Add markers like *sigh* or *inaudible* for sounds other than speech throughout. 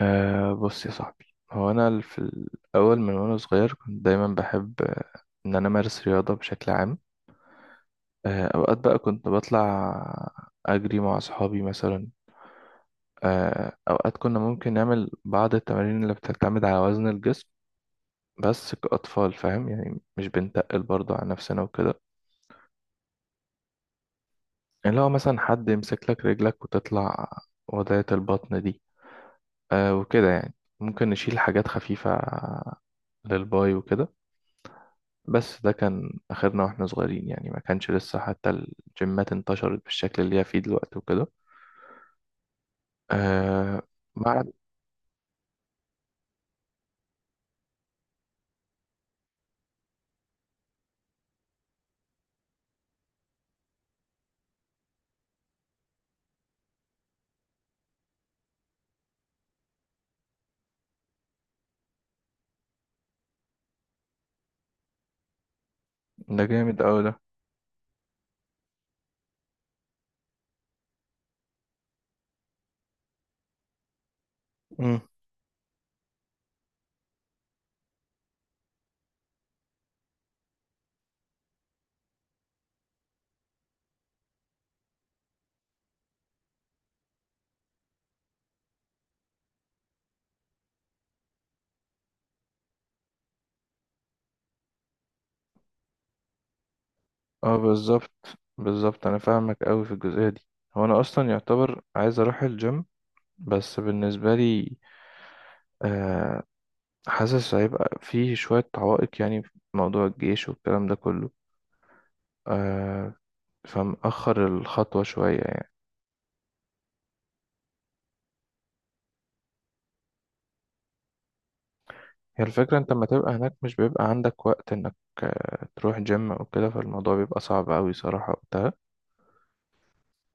بص يا صاحبي، هو أنا في الأول، من وأنا صغير كنت دايما بحب إن أنا أمارس رياضة بشكل عام. أوقات بقى كنت بطلع أجري مع أصحابي مثلا. أوقات كنا ممكن نعمل بعض التمارين اللي بتعتمد على وزن الجسم، بس كأطفال فاهم يعني، مش بنتقل برضه على نفسنا وكده. اللي هو مثلا حد يمسك لك رجلك وتطلع وضعية البطن دي. أه وكده يعني، ممكن نشيل حاجات خفيفة للباي وكده. بس ده كان آخرنا واحنا صغيرين يعني، ما كانش لسه حتى الجيمات انتشرت بالشكل اللي هي فيه دلوقتي وكده. آه. بعد. ده جامد أوي ده. مم. اه بالظبط. بالظبط أنا فاهمك أوي في الجزئية دي. هو أنا أصلا يعتبر عايز أروح الجيم، بس بالنسبة لي آه، حاسس هيبقى فيه شوية عوائق يعني، في موضوع الجيش والكلام ده كله. آه. فمأخر الخطوة شوية يعني. هي الفكرة، انت لما تبقى هناك مش بيبقى عندك وقت انك تروح جيم او كده، فالموضوع بيبقى صعب اوي صراحة وقتها.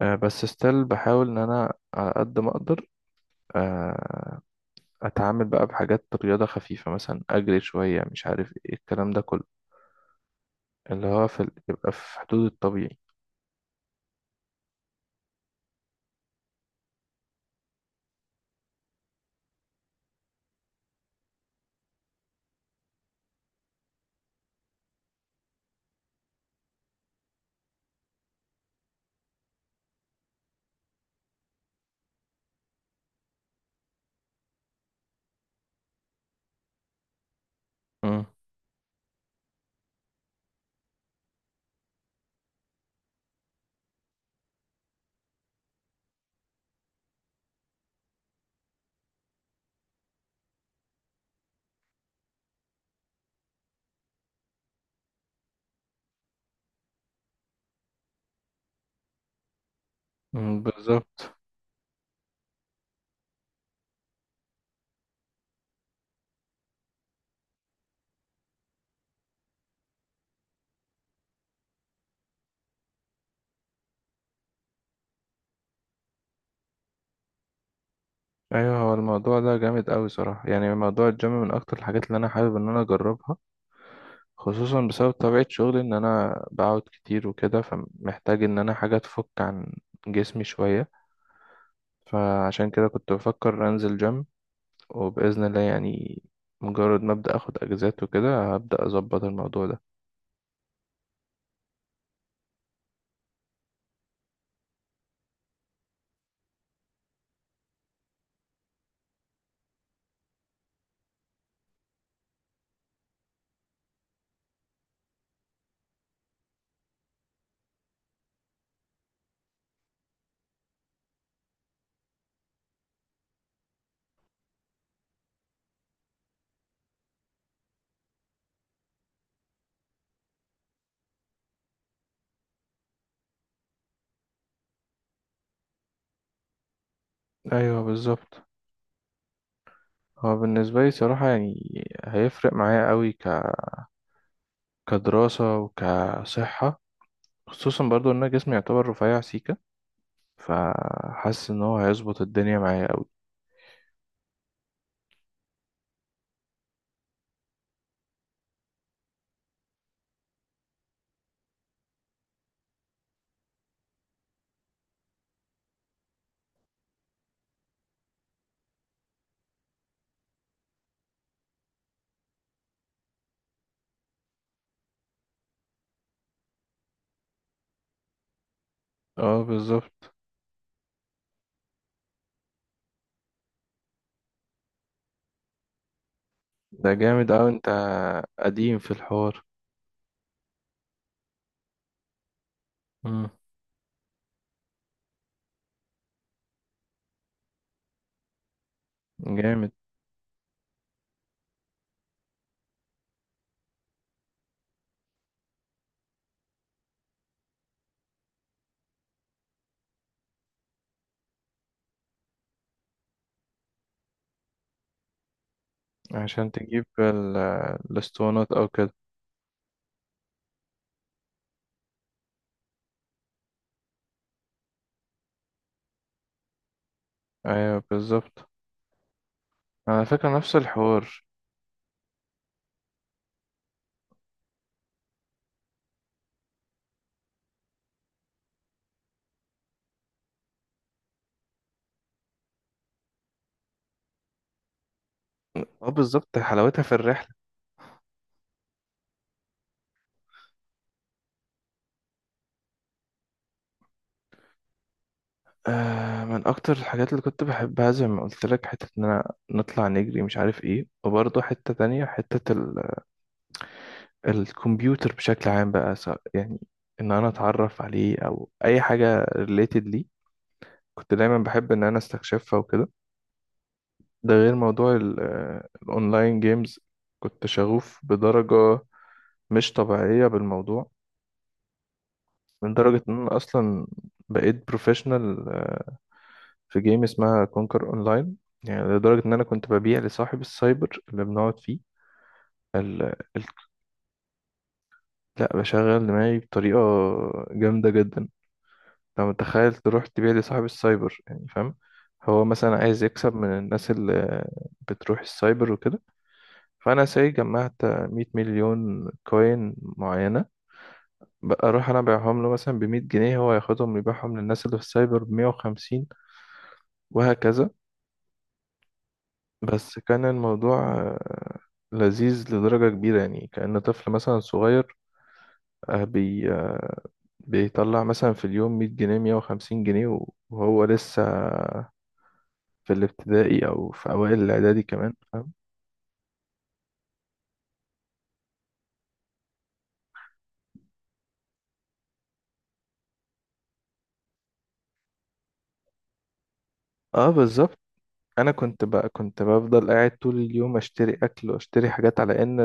بس ستيل بحاول ان انا على قد ما اقدر آه، اتعامل بقى بحاجات رياضة خفيفة، مثلا اجري شوية مش عارف ايه الكلام ده كله، اللي هو في يبقى في حدود الطبيعي. مم. مم، بالظبط. ايوه، هو الموضوع ده جامد اوي صراحة يعني. موضوع الجيم من اكتر الحاجات اللي انا حابب ان انا اجربها، خصوصا بسبب طبيعة شغلي ان انا بقعد كتير وكده، فمحتاج ان انا حاجة تفك عن جسمي شوية. فعشان كده كنت بفكر انزل جيم، وبإذن الله يعني مجرد ما ابدأ اخد اجازات وكده هبدأ اظبط الموضوع ده. ايوه بالظبط. هو بالنسبة لي صراحة يعني هيفرق معايا قوي كدراسة وكصحة، خصوصا برضو ان انا جسمي يعتبر رفيع سيكة، فحاسس ان هو هيظبط الدنيا معايا قوي. اه بالظبط. ده جامد أوي، أنت قديم في الحوار. مم. جامد. عشان تجيب الاسطوانات أو كده. أيوة بالظبط، على فكرة نفس الحوار. اه بالظبط، حلاوتها في الرحلة. آه، من أكتر الحاجات اللي كنت بحبها زي ما قلت لك، حتة إن أنا نطلع نجري مش عارف إيه، وبرضه حتة تانية، حتة الكمبيوتر بشكل عام بقى، سواء يعني إن أنا أتعرف عليه أو أي حاجة ريليتد ليه، كنت دايما بحب إن أنا استكشفها وكده. ده غير موضوع الاونلاين جيمز، كنت شغوف بدرجة مش طبيعية بالموضوع، من درجة ان انا اصلا بقيت بروفيشنال في جيم اسمها كونكر اونلاين. يعني لدرجة ان انا كنت ببيع لصاحب السايبر اللي بنقعد فيه ال... ال... لا، بشغل دماغي بطريقة جامدة جدا. لو متخيل تروح تبيع لصاحب السايبر يعني فاهم، هو مثلا عايز يكسب من الناس اللي بتروح السايبر وكده، فانا ساي جمعت 100 مليون كوين معينه، بقى اروح انا ابيعهم له مثلا ب 100 جنيه، هو ياخدهم يبيعهم للناس اللي في السايبر ب 150، وهكذا. بس كان الموضوع لذيذ لدرجه كبيره يعني، كأن طفل مثلا صغير آه، بي آه، بيطلع مثلا في اليوم 100 جنيه، 150 جنيه، وهو لسه في الابتدائي او في اوائل الاعدادي كمان، فاهم. اه بالظبط. انا كنت بقى، كنت بفضل قاعد طول اليوم اشتري اكل واشتري حاجات على ان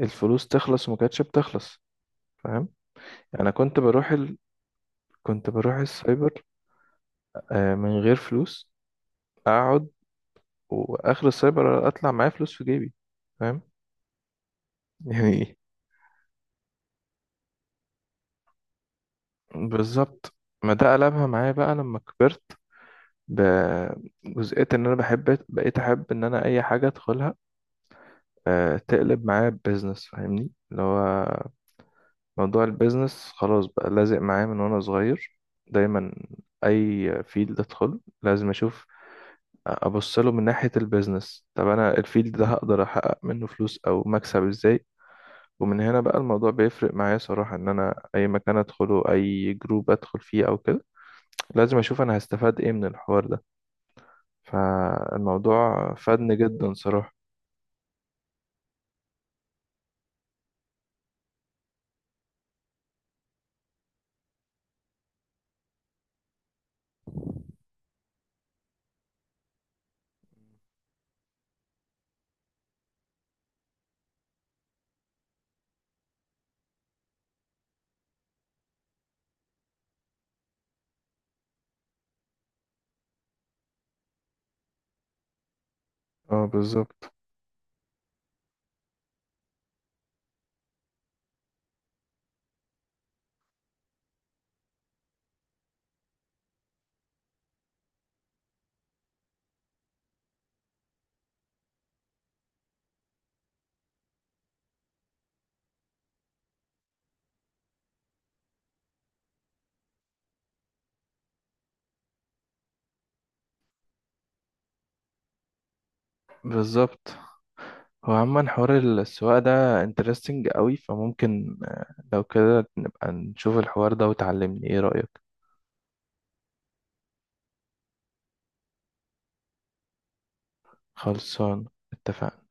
الفلوس تخلص، وما كانتش بتخلص، فاهم يعني. انا كنت بروح كنت بروح السايبر من غير فلوس، اقعد، واخر السايبر اطلع معايا فلوس في جيبي، فاهم *laughs* يعني. بالظبط. ما ده قلبها معايا بقى لما كبرت، بجزئية ان انا بحب، بقيت احب ان انا اي حاجة ادخلها تقلب معايا بيزنس، فاهمني. اللي هو موضوع البيزنس خلاص بقى لازق معايا من وانا صغير، دايما اي فيلد ادخل لازم اشوف ابص له من ناحية البيزنس، طب انا الفيلد ده هقدر احقق منه فلوس او مكسب ازاي. ومن هنا بقى الموضوع بيفرق معايا صراحة، ان انا اي مكان ادخله، اي جروب ادخل فيه او كده، لازم اشوف انا هستفاد ايه من الحوار ده. فالموضوع فادني جدا صراحة. اه بالظبط. بالظبط. هو عموما حوار السواقة ده انترستنج قوي، فممكن لو كده نبقى نشوف الحوار ده وتعلمني، ايه رأيك؟ خلصان، اتفقنا.